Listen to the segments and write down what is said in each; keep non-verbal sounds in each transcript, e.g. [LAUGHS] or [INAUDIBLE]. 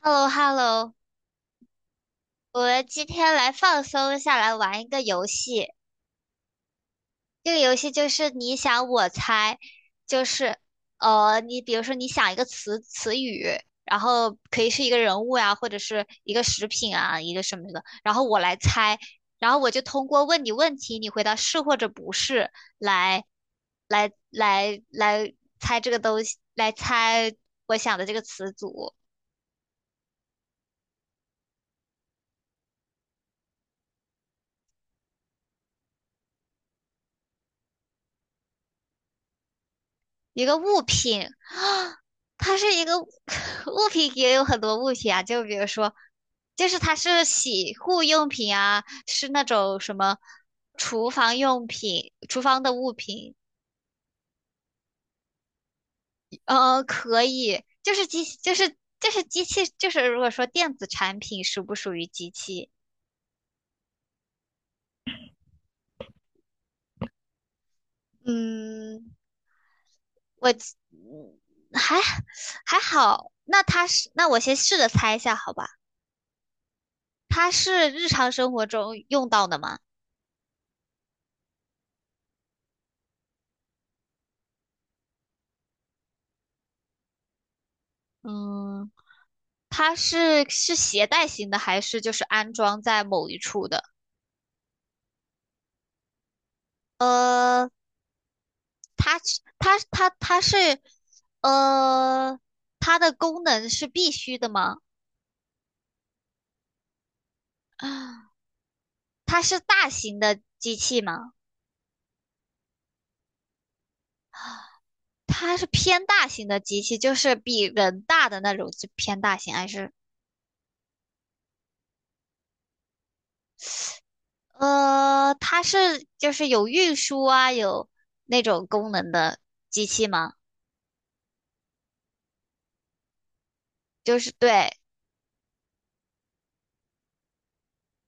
h e l l o h e l l o 我今天来放松下来玩一个游戏。这个游戏就是你想我猜，就是你比如说你想一个词语，然后可以是一个人物呀，或者是一个食品啊，一个什么的，然后我来猜，然后我就通过问你问题，你回答是或者不是来来猜这个东西，来猜我想的这个词组。一个物品啊，[GASPS] 它是一个 [LAUGHS] 物品，也有很多物品啊，就比如说，就是它是洗护用品啊，是那种什么厨房用品、厨房的物品，可以，就是机，就是就是机器，就是如果说电子产品属不属于机器？嗯，我嗯还还好，那它是，那我先试着猜一下，好吧？它是日常生活中用到的吗？嗯，它是携带型的，还是就是安装在某一处的？呃，它它它它是呃，它的功能是必须的吗？啊，它是大型的机器吗？它是偏大型的机器，就是比人大的那种，就偏大型还是？它是就是有运输啊，有那种功能的机器吗？就是对，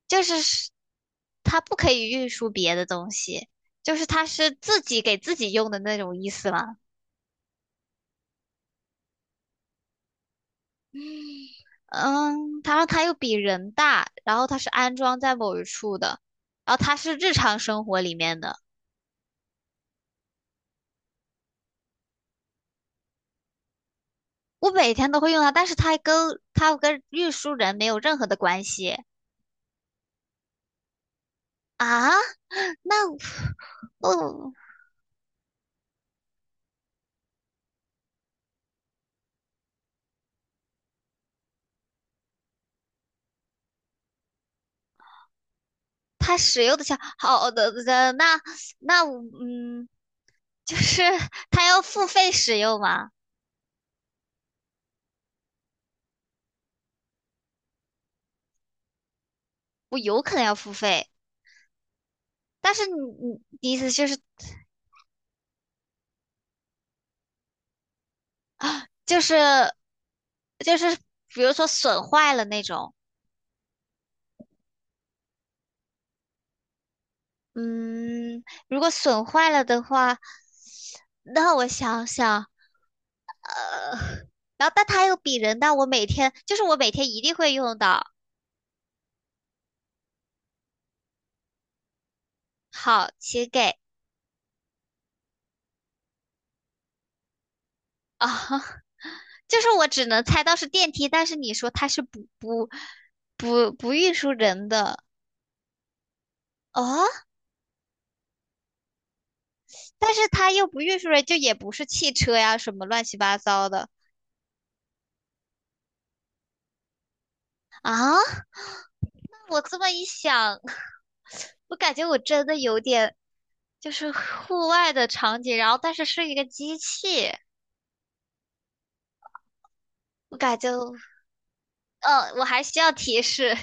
就是它不可以运输别的东西，就是它是自己给自己用的那种意思嘛。嗯，它让它又比人大，然后它是安装在某一处的，然后它是日常生活里面的，我每天都会用它，但是它跟运输人没有任何的关系啊。那哦，它使用的下好的的那那我就是 [LAUGHS] 它要付费使用吗？我有可能要付费。但是你你意思就是就是比如说损坏了那种，嗯，如果损坏了的话，那我想想，呃，然后但它又比人大，我每天一定会用到。好，请给啊，[LAUGHS] 就是我只能猜到是电梯，但是你说它是不运输人的哦，但是它又不运输人，就也不是汽车呀，什么乱七八糟的啊。我这么一想，[LAUGHS] 我感觉我真的有点就是户外的场景，然后但是是一个机器，我感觉，我还需要提示，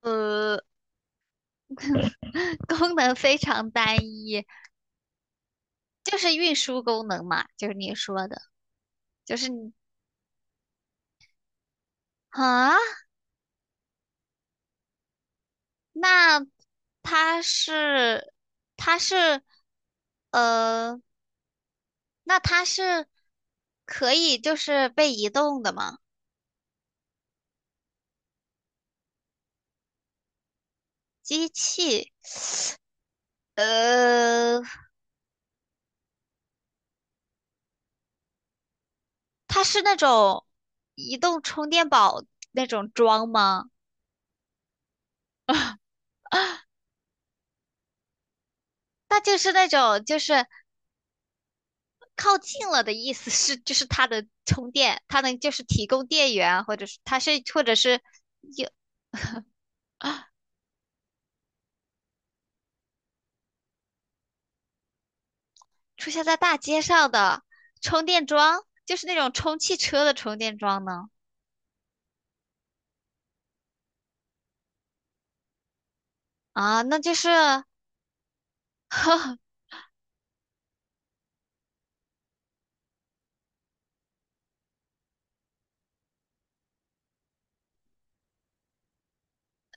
呃，[LAUGHS] 功能非常单一，就是运输功能嘛，就是你说的，就是你啊，那它是，它是，呃，那它是可以就是被移动的吗？机器，呃。它是那种移动充电宝那种桩吗？那就是那种就是靠近了的意思是，就是它的充电，它能就是提供电源，或者是它是或者是有出现在大街上的充电桩，就是那种充汽车的充电桩呢？啊，那就是 [LAUGHS]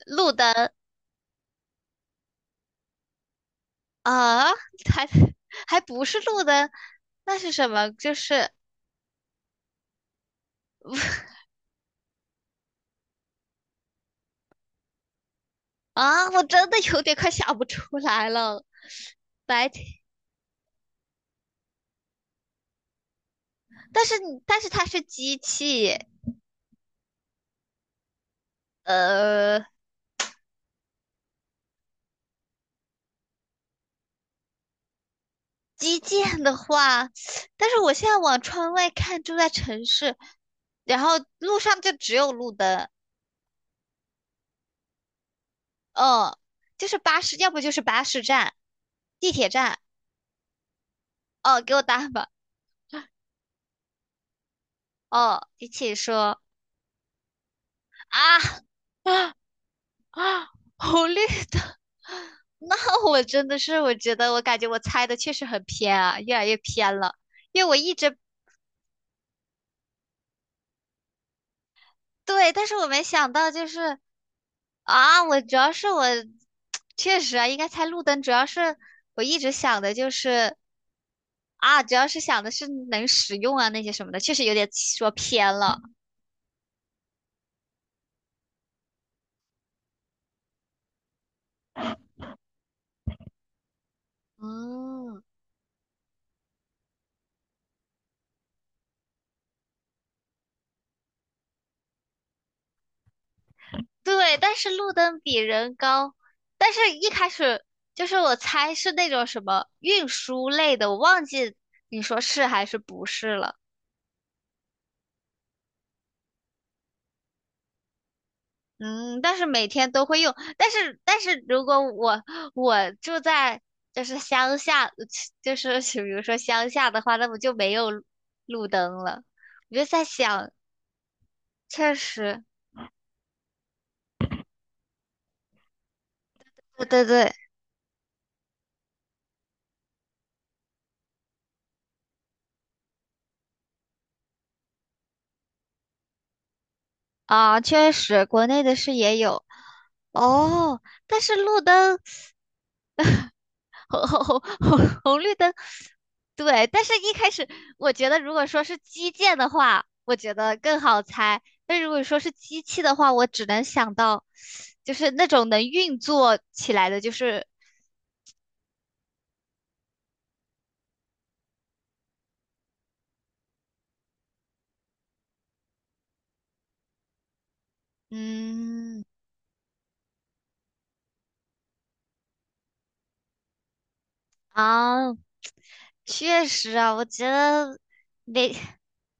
路灯啊，还还不是路灯，那是什么？就是啊，我真的有点快想不出来了。白天。但是但是它是机器，呃，基建的话，但是我现在往窗外看，住在城市，然后路上就只有路灯，嗯，就是巴士，要不就是巴士站、地铁站，哦，给我答案吧，哦，机器说啊啊，红绿灯，[LAUGHS] 那我真的是，我觉得我感觉我猜的确实很偏啊，越来越偏了，因为我一直对，但是我没想到就是啊，我主要是我确实啊，应该猜路灯，主要是我一直想的就是啊，主要是想的是能使用啊那些什么的，确实有点说偏了。嗯，对，但是路灯比人高，但是一开始就是我猜是那种什么运输类的，我忘记你说是还是不是了。嗯，但是每天都会用，但是如果我住在就是乡下，[LAUGHS] 就是比如说乡下的话，那不就没有路灯了？我就在想，确实对对对，啊，确实，国内的是也有哦，但是路灯 [LAUGHS] 红绿灯，对。但是一开始我觉得，如果说是基建的话，我觉得更好猜。但如果说是机器的话，我只能想到，就是那种能运作起来的，就是嗯啊，确实啊，我觉得没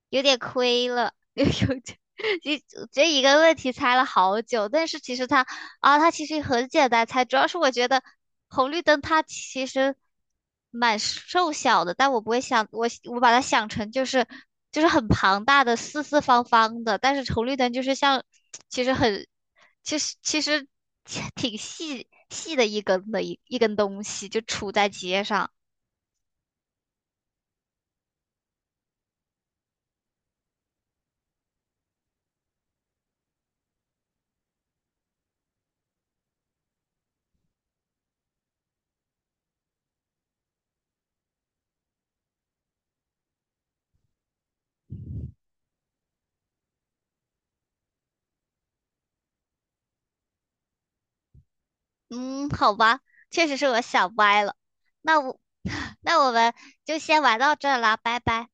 有点亏了，[LAUGHS] 有点，就这一个问题猜了好久，但是其实它其实很简单猜，主要是我觉得红绿灯它其实蛮瘦小的，但我不会想我把它想成就是很庞大的四四方方的，但是红绿灯就是像其实很其实其实 [LAUGHS] 挺细细的一根的一根东西就杵在街上。嗯，好吧，确实是我想歪了。那我 [LAUGHS] 那我们就先玩到这儿啦，拜拜。